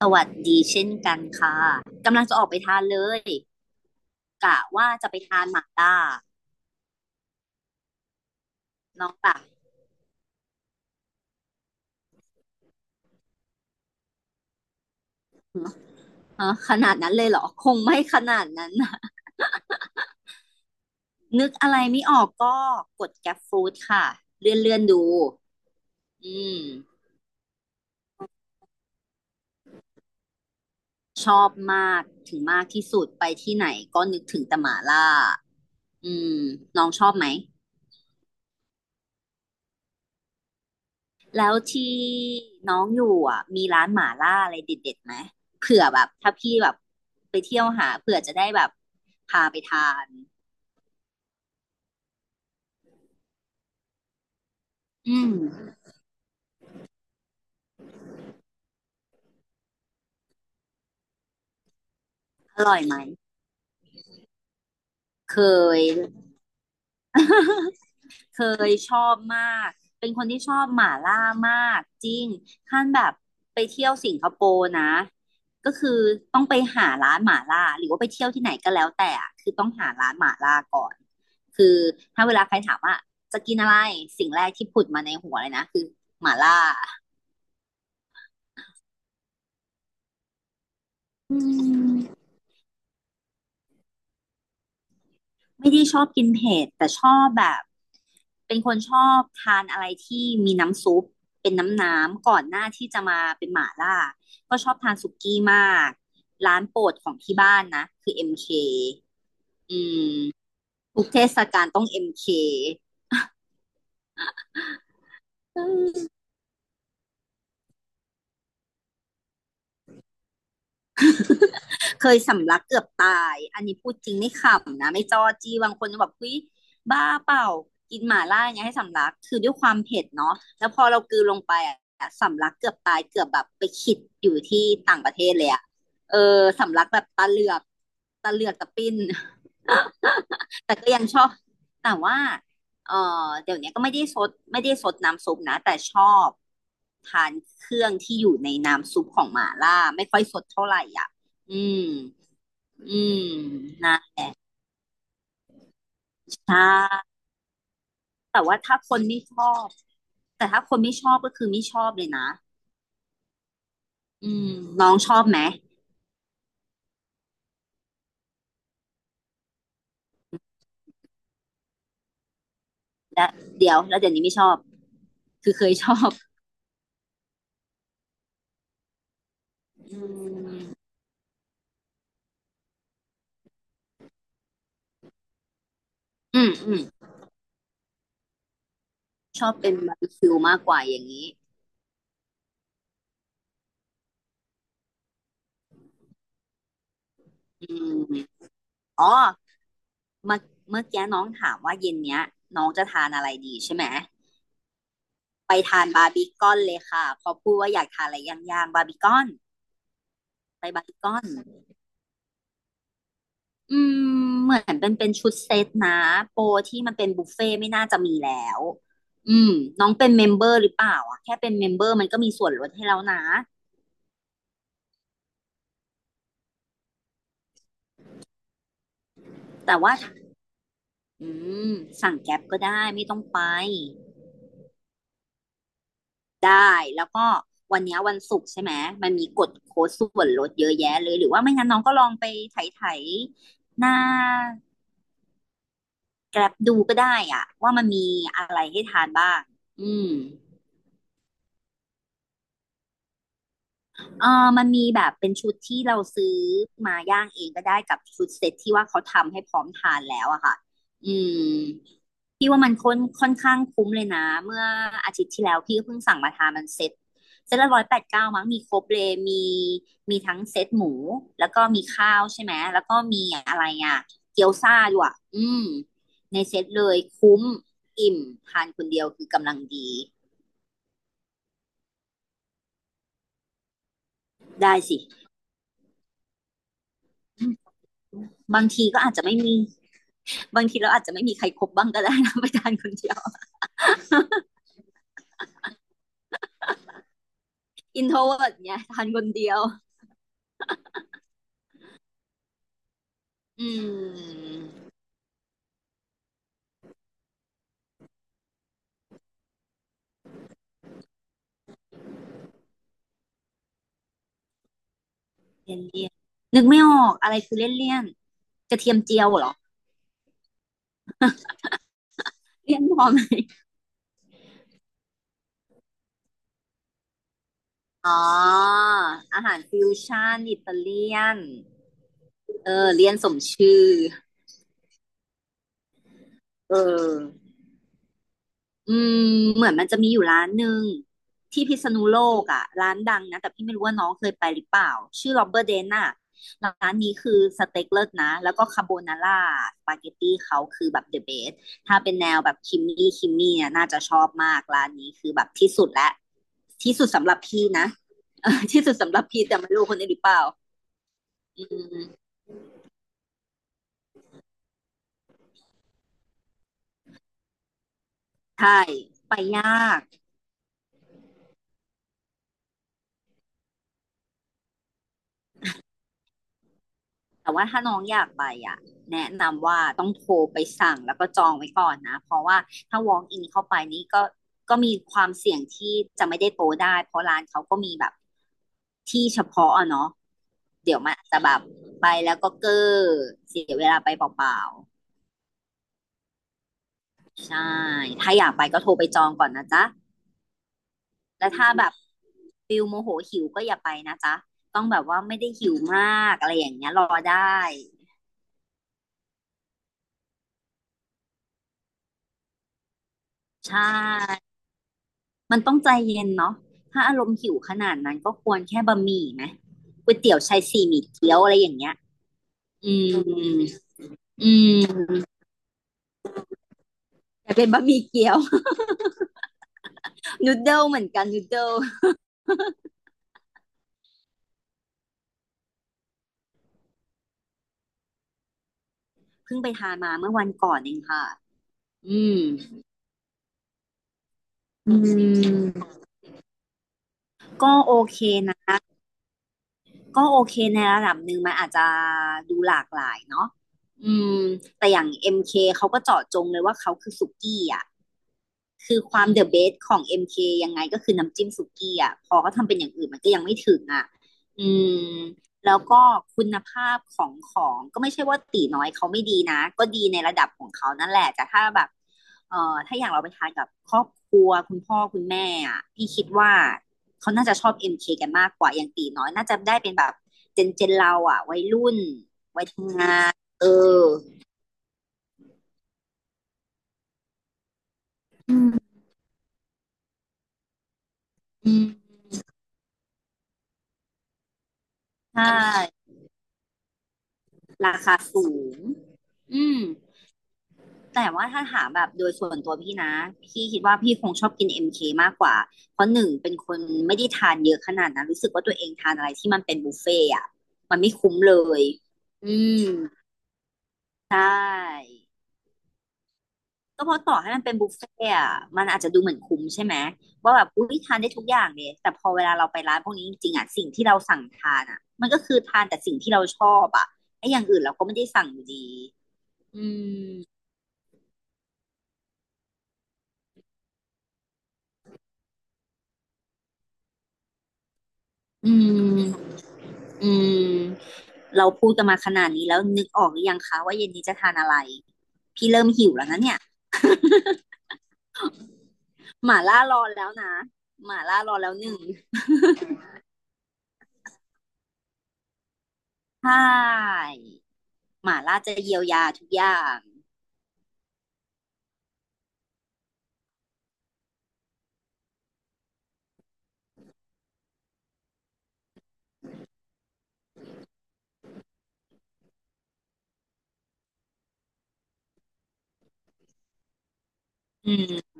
สวัสดีเช่นกันค่ะกำลังจะออกไปทานเลยกะว่าจะไปทานหม่าล่าน้องแบบฮะขนาดนั้นเลยเหรอคงไม่ขนาดนั้นนะนึกอะไรไม่ออกก็กดแกรฟู้ค่ะเลื่อนดูอืมชอบมากถึงมากที่สุดไปที่ไหนก็นึกถึงแต่หม่าล่าอืมน้องชอบไหม แล้วที่น้องอยู่อ่ะมีร้านหม่าล่าอะไรเด็ดๆไหมเผื่อแบบถ้าพี่แบบไปเที่ยวหาเผื่อจะได้แบบพาไปทาน อืมอร่อยไหมเคย เคยชอบมาก เป็นคนที่ชอบหม่าล่ามากจริงขั้นแบบไปเที่ยวสิงคโปร์นะก็คือต้องไปหาร้านหม่าล่าหรือว่าไปเที่ยวที่ไหนก็แล้วแต่อะคือต้องหาร้านหม่าล่าก่อนคือถ้าเวลาใครถามว่าจะกินอะไรสิ่งแรกที่ผุดมาในหัวเลยนะคือหม่าล่าอืม ไม่ได้ชอบกินเผ็ดแต่ชอบแบบเป็นคนชอบทานอะไรที่มีน้ำซุปเป็นน้ำก่อนหน้าที่จะมาเป็นหม่าล่าก็ชอบทานสุกี้มากร้านโปรดของที่บ้านนะคือ MK อมเคอืมทุกเทศกาลต้อง MK อืมเค เคยสำลักเกือบตายอันนี้พูดจริงไม่ขำนะไม่จอจี้บางคนจะแบบเฮ้ยบ้าเปล่ากินหม่าล่าอย่างเงี้ยให้สำลักคือด้วยความเผ็ดเนาะแล้วพอเรากลืนลงไปอะสำลักเกือบตายเกือบแบบไปขิดอยู่ที่ต่างประเทศเลยอะเออสำลักแบบตาเหลือกตาเหลือกตาปิ้น แต่ก็ยังชอบแต่ว่าเออเดี๋ยวนี้ก็ไม่ได้ซดไม่ได้ซดน้ำซุปนะแต่ชอบทานเครื่องที่อยู่ในน้ำซุปของหม่าล่าไม่ค่อยซดเท่าไหร่อ่ะอืม อืมนะใช่แต่ว่าถ้าคนไม่ชอบแต่ถ้าคนไม่ชอบก็คือไม่ชอบเลยนะอืมน้องชอบไหมและเดี๋ยวแล้วเดี๋ยวนี้ไม่ชอบคือเคยชอบอืมอืมอืมชอบเป็นบาร์บีคิวมากกว่าอย่างนี้อืมอ๋อเมื่อเมื่อกี้น้องถามว่าเย็นเนี้ยน้องจะทานอะไรดีใช่ไหมไปทานบาร์บีคอนเลยค่ะเพอพูดว่าอยากทานอะไรย่างๆบาร์บีคอนไปบาร์บีคอน อืมเหมือนเป็นชุดเซตนะโปรที่มันเป็นบุฟเฟ่ต์ไม่น่าจะมีแล้วอืมน้องเป็นเมมเบอร์หรือเปล่าอ่ะแค่เป็นเมมเบอร์มันก็มีส่วนลดให้แล้วนะแต่ว่าอืมสั่งแก๊ปก็ได้ไม่ต้องไปได้แล้วก็วันเนี้ยวันศุกร์ใช่ไหมมันมีกดโค้ดส่วนลดเยอะแยะเลยหรือว่าไม่งั้นน้องก็ลองไปไถหน้า Grab ดูก็ได้อ่ะว่ามันมีอะไรให้ทานบ้างอืม เออมันมีแบบเป็นชุดที่เราซื้อมาย่างเองก็ได้กับชุดเซ็ตที่ว่าเขาทำให้พร้อมทานแล้วอะค่ะอืมพี่ว่ามันค่อนข้างคุ้มเลยนะ เมื่ออาทิตย์ที่แล้วพี่ก็เพิ่งสั่งมาทานมันเซ็ตเซ็ตละร้อยแปดเก้ามั้งมีครบเลยมีมีทั้งเซ็ตหมูแล้วก็มีข้าวใช่ไหมแล้วก็มีอะไรอ่ะเกี๊ยวซ่าด้วยอะอืมในเซ็ตเลยคุ้มอิ่มทานคนเดียวคือกำลังดีได้สิบางทีก็อาจจะไม่มี บางทีเราอาจจะไม่มีใครคบบ้างก็ได้นะ ไปทานคนเดียวอินโทรเวิร์ดเนี่ยทานคนเดียวอืมเลี่ยนเลี่ยนนึกไม่ออกอะไรคือเลี่ยนเลี่ยนกระเทียมเจียวเหรอเลี่ยนพอไหมอ๋ออาหารฟิวชั่นอิตาเลียนเออเลี่ยนสมชื่อเออ อืมเหมือนมันจะมีอยู่ร้านหนึ่งที่พิษณุโลกอ่ะร้านดังนะแต่พี่ไม่รู้ว่าน้องเคยไปหรือเปล่าชื่อโรเบอร์เดนน่ะร้านนี้คือสเต็กเลิศนะแล้วก็คาโบนาร่าสปาเกตตี้เขาคือแบบเดอะเบสถ้าเป็นแนวแบบคิมมี่คิมมี่เนี่ยน่าจะชอบมากร้านนี้คือแบบที่สุดและที่สุดสำหรับพี่นะ เออที่สุดสำหรับพี่แต่ไม่รู้คนอื่นหรือเปล่าอืมใช่ไปยาก แต่ว่าถ้าน้องอยากไปอ่ะแนะนำว่าต้องโทรไปสั่งแล้วก็จองไว้ก่อนนะเพราะว่าถ้า walk in เข้าไปนี่ก็มีความเสี่ยงที่จะไม่ได้โตะได้เพราะร้านเขาก็มีแบบที่เฉพาะอะเนาะเดี๋ยวมันอาจจะแบบไปแล้วก็เก้อเสียเวลาไปเปล่าๆใช่ถ้าอยากไปก็โทรไปจองก่อนนะจ๊ะแล้วถ้าแบบฟิลโมโหหิวก็อย่าไปนะจ๊ะต้องแบบว่าไม่ได้หิวมากอะไรอย่างเงี้ยรอได้ใช่ มันต้องใจเย็นเนาะถ้าอารมณ์หิวขนาดนั้นก็ควรแค่บะหมี่ไหมก๋วยเตี๋ยวชายสี่หมี่เกี๊ยวอะไรอย่างเงี้ยอืมอืมแต่เป็นบะหมี่เกี๊ยว นูดเดิลเหมือนกันนูดเดิลเพิ่งไปทานมาเมื่อวันก่อนเองค่ะ อืมอืมก็โอเคนะ ก็โอเคในระดับหนึ่งมันอาจจะดูหลากหลายเนาะอืมแต่อย่าง MK เคเขาก็เจาะจงเลยว่าเขาคือสุกี้อ่ะคือความเดอะเบสของ MK ยังไงก็คือน้ำจิ้มสุกี้อ่ะพอเขาทำเป็นอย่างอื่นมันก็ยังไม่ถึงอ่ะอืมแล้วก็คุณภาพของของก็ไม่ใช่ว่าตีน้อยเขาไม่ดีนะ ก็ดีในระดับของเขานั่นแหละแต่ถ้าแบบถ้าอย่างเราไปทานกับครอบครัวคุณพ่อคุณแม่อ่ะพี่คิดว่า เขาน่าจะชอบ MK กันมากกว่าอย่างตีน้อยน่าจะได้เป็นแบบเจนเราอ่ะวัยรุ่นเออใช่ราคาสูงอืมแต่ว่าถ้าถามแบบโดยส่วนตัวพี่นะพี่คิดว่าพี่คงชอบกิน MK มเคมากกว่าเพราะหนึ่งเป็นคนไม่ได้ทานเยอะขนาดนั้นรู้สึกว่าตัวเองทานอะไรที่มันเป็นบุฟเฟ่ต์อ่ะมันไม่คุ้มเลยอืมใช่ ก็เพราะต่อให้มันเป็นบุฟเฟ่ต์อะมันอาจจะดูเหมือนคุ้มใช่ไหมว่าแบบอุ้ยทานได้ทุกอย่างเลยแต่พอเวลาเราไปร้านพวกนี้จริงๆอะสิ่งที่เราสั่งทานอะมันก็คือทานแต่สิ่งที่เราชอบอะไอ้อย่างอื่นเราก็ไม่ได้สั่งอยู่ดีอืมอืมอืมเราพูดกันมาขนาดนี้แล้วนึกออกหรือยังคะว่าเย็นนี้จะทานอะไรพี่เริ่มหิวแล้วนะเนี่ย หม่าล่ารอแล้วนะหม่าล่ารอแล้วหนึ่งใช่หม่าล่าจะเยียวยาทุกอย่างอืม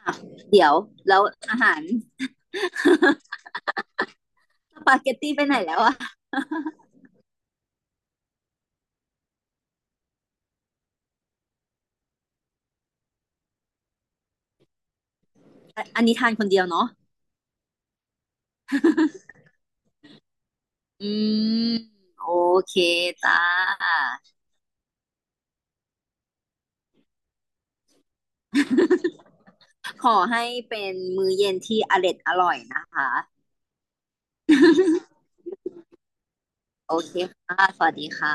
อ่ะเดี๋ยวแล้วอาหารสปาเกตตี้ไปไหนแล้วอ่ะอันนี้ทานคนเดียวเนาะ อืมโอเคจ้าขอให้เป็นมื้อเย็นที่อร็ดอร่อยนะคะโอเคค่ะสวัสดีค่ะ